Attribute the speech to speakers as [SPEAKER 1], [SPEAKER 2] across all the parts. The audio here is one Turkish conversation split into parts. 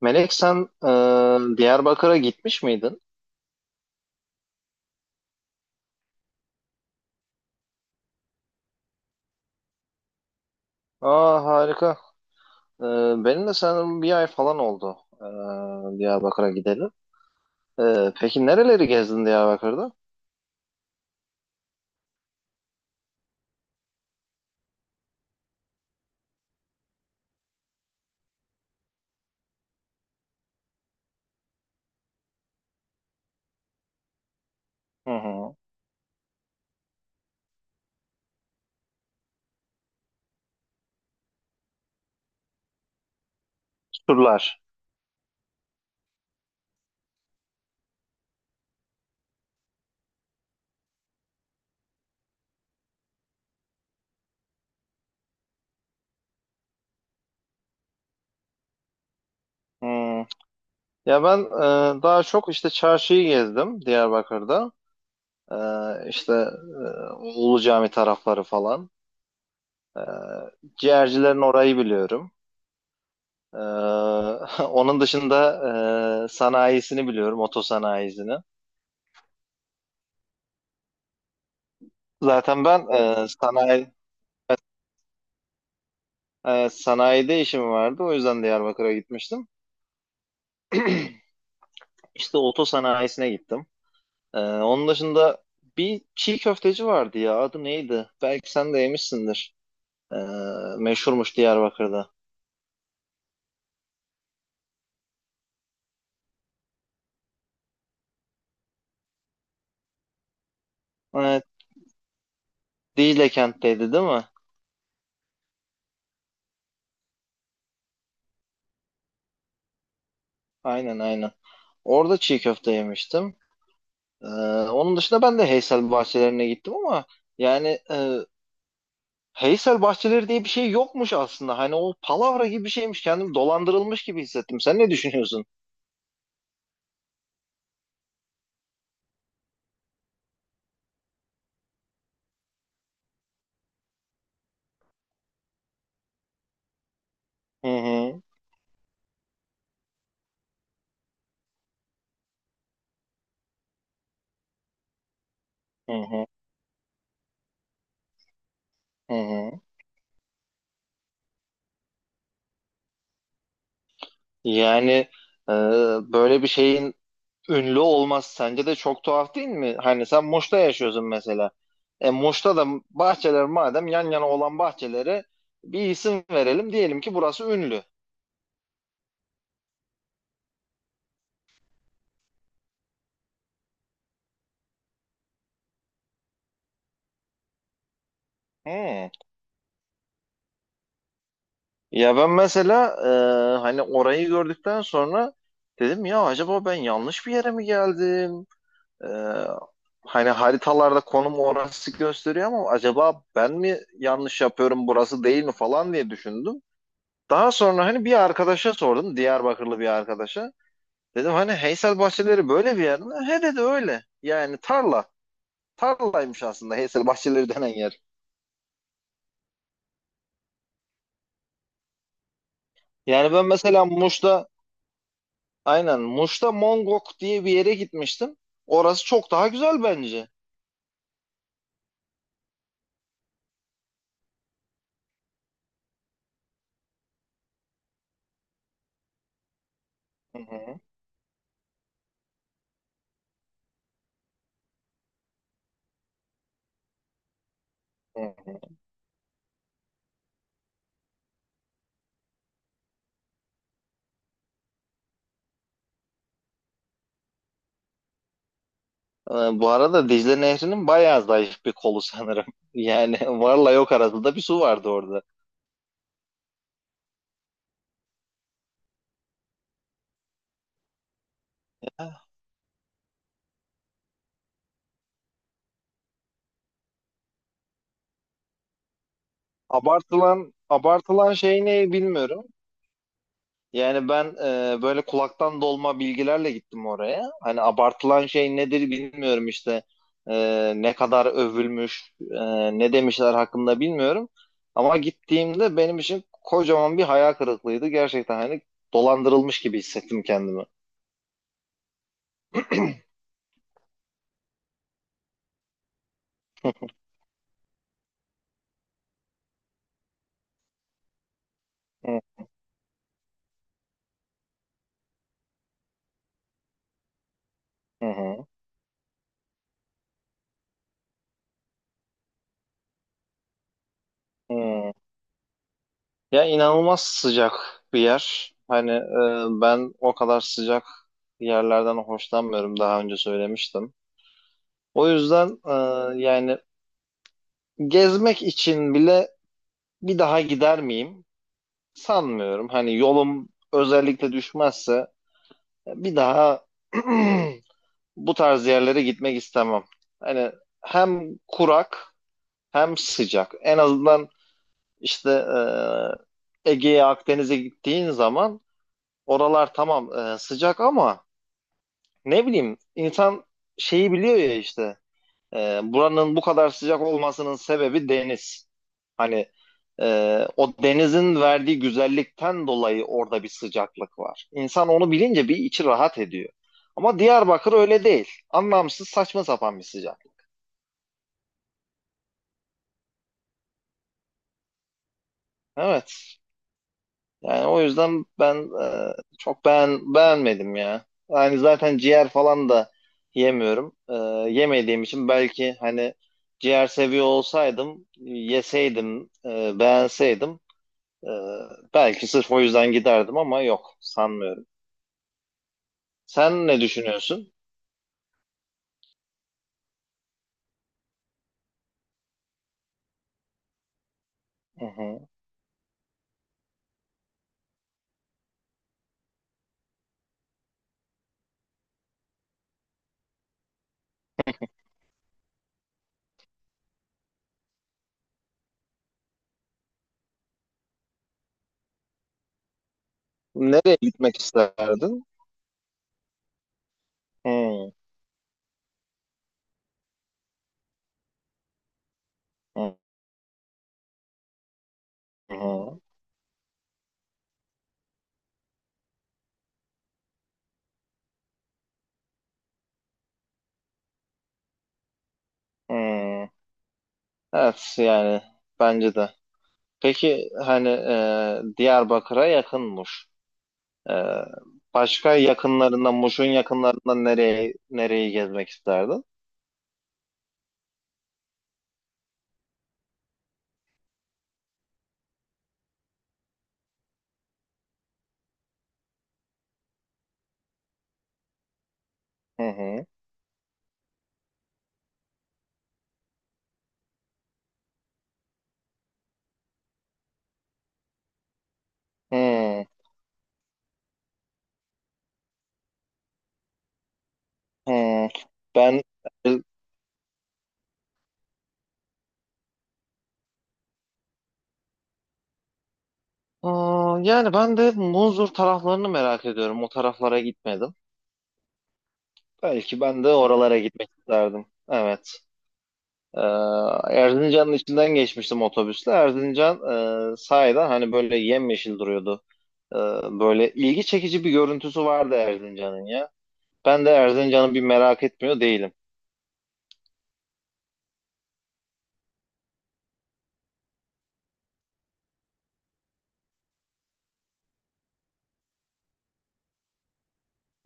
[SPEAKER 1] Melek sen Diyarbakır'a gitmiş miydin? Aa, harika. E, Benim de sanırım bir ay falan oldu Diyarbakır'a gidelim. E, peki nereleri gezdin Diyarbakır'da? Hı hı. Turlar. Hmm. Ya ben daha çok işte çarşıyı gezdim Diyarbakır'da. E, işte Ulu Cami tarafları falan. E, Ciğercilerin orayı biliyorum. E, Onun dışında sanayisini biliyorum, oto sanayisini. Zaten ben e, sanayi sanayide işim vardı. O yüzden Diyarbakır'a gitmiştim. İşte oto sanayisine gittim. Onun dışında bir çiğ köfteci vardı ya. Adı neydi? Belki sen de yemişsindir. E, Meşhurmuş Diyarbakır'da. Evet, Dicle kentteydi değil mi? Aynen aynen. Orada çiğ köfte yemiştim. E, Onun dışında ben de Heysel Bahçelerine gittim ama yani Heysel bahçeleri diye bir şey yokmuş aslında. Hani o palavra gibi bir şeymiş. Kendim dolandırılmış gibi hissettim. Sen ne düşünüyorsun? Hı hı, hı hı, hı hı. Yani e, böyle bir şeyin ünlü olması sence de çok tuhaf değil mi? Hani sen Muş'ta yaşıyorsun mesela. E, Muş'ta da bahçeler madem, yan yana olan bahçelere bir isim verelim. Diyelim ki burası ünlü. Hı. Ya ben mesela, hani orayı gördükten sonra dedim ya, acaba ben yanlış bir yere mi geldim? Ee, Hani haritalarda konum orası gösteriyor ama acaba ben mi yanlış yapıyorum, burası değil mi falan diye düşündüm. Daha sonra hani bir arkadaşa sordum, Diyarbakırlı bir arkadaşa. Dedim hani Heysel Bahçeleri böyle bir yer mi? He dedi, öyle. Yani tarla. Tarlaymış aslında Heysel Bahçeleri denen yer. Yani ben mesela Muş'ta, aynen Muş'ta Mongok diye bir yere gitmiştim. Orası çok daha güzel bence. Hı hı. Hı. Ee, Bu arada Dicle Nehri'nin bayağı zayıf bir kolu sanırım. Yani varla yok arasında bir su vardı orada. Abartılan abartılan şey ne bilmiyorum. Yani ben böyle kulaktan dolma bilgilerle gittim oraya. Hani abartılan şey nedir bilmiyorum işte. Ne kadar övülmüş, ne demişler hakkında bilmiyorum. Ama gittiğimde benim için kocaman bir hayal kırıklığıydı. Gerçekten hani dolandırılmış gibi hissettim kendimi. Hı hı. Hı. Hı. Ya, inanılmaz sıcak bir yer. Hani ben o kadar sıcak yerlerden hoşlanmıyorum, daha önce söylemiştim. O yüzden yani gezmek için bile bir daha gider miyim? Sanmıyorum. Hani yolum özellikle düşmezse bir daha bu tarz yerlere gitmek istemem. Hani hem kurak hem sıcak. En azından işte Ege'ye, Akdeniz'e gittiğin zaman oralar, tamam, sıcak ama ne bileyim, insan şeyi biliyor ya işte, buranın bu kadar sıcak olmasının sebebi deniz. Hani o denizin verdiği güzellikten dolayı orada bir sıcaklık var. İnsan onu bilince bir içi rahat ediyor. Ama Diyarbakır öyle değil. Anlamsız, saçma sapan bir sıcak. Evet. Yani o yüzden ben beğenmedim ya. Yani zaten ciğer falan da yemiyorum. Yemediğim için, belki hani ciğer seviyor olsaydım, yeseydim, beğenseydim, e, belki sırf o yüzden giderdim ama yok, sanmıyorum. Sen ne düşünüyorsun? Hı hı. Nereye gitmek isterdin? Hı hı, hı. Hı. Evet, yani bence de. Peki hani Diyarbakır'a yakınmış. Ee, Başka yakınlarından, Muş'un yakınlarından nereye, nereyi gezmek isterdin? Hı hı. Hı hı. Ben Aa, yani ben de Munzur taraflarını merak ediyorum. O taraflara gitmedim. Belki ben de oralara gitmek isterdim. Evet. Ee, Erzincan'ın içinden geçmiştim otobüsle. Erzincan sahiden hani böyle yemyeşil duruyordu. Ee, Böyle ilgi çekici bir görüntüsü vardı Erzincan'ın ya. Ben de Erzincan'ı bir merak etmiyor değilim.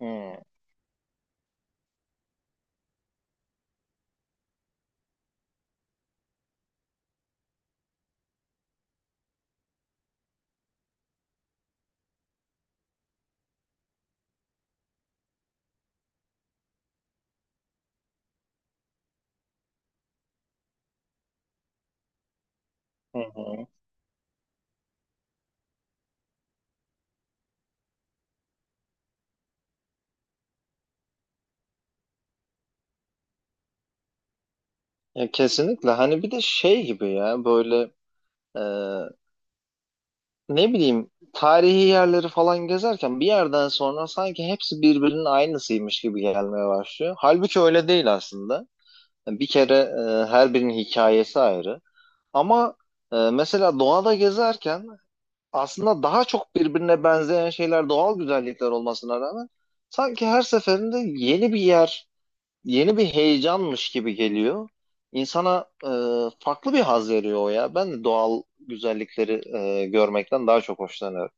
[SPEAKER 1] Hmm. Hı hı. Ya kesinlikle, hani bir de şey gibi ya, böyle e, ne bileyim, tarihi yerleri falan gezerken bir yerden sonra sanki hepsi birbirinin aynısıymış gibi gelmeye başlıyor. Halbuki öyle değil aslında. Yani bir kere her birinin hikayesi ayrı. Ama mesela doğada gezerken aslında daha çok birbirine benzeyen şeyler, doğal güzellikler olmasına rağmen, sanki her seferinde yeni bir yer, yeni bir heyecanmış gibi geliyor. İnsana farklı bir haz veriyor o ya. Ben de doğal güzellikleri görmekten daha çok hoşlanıyorum.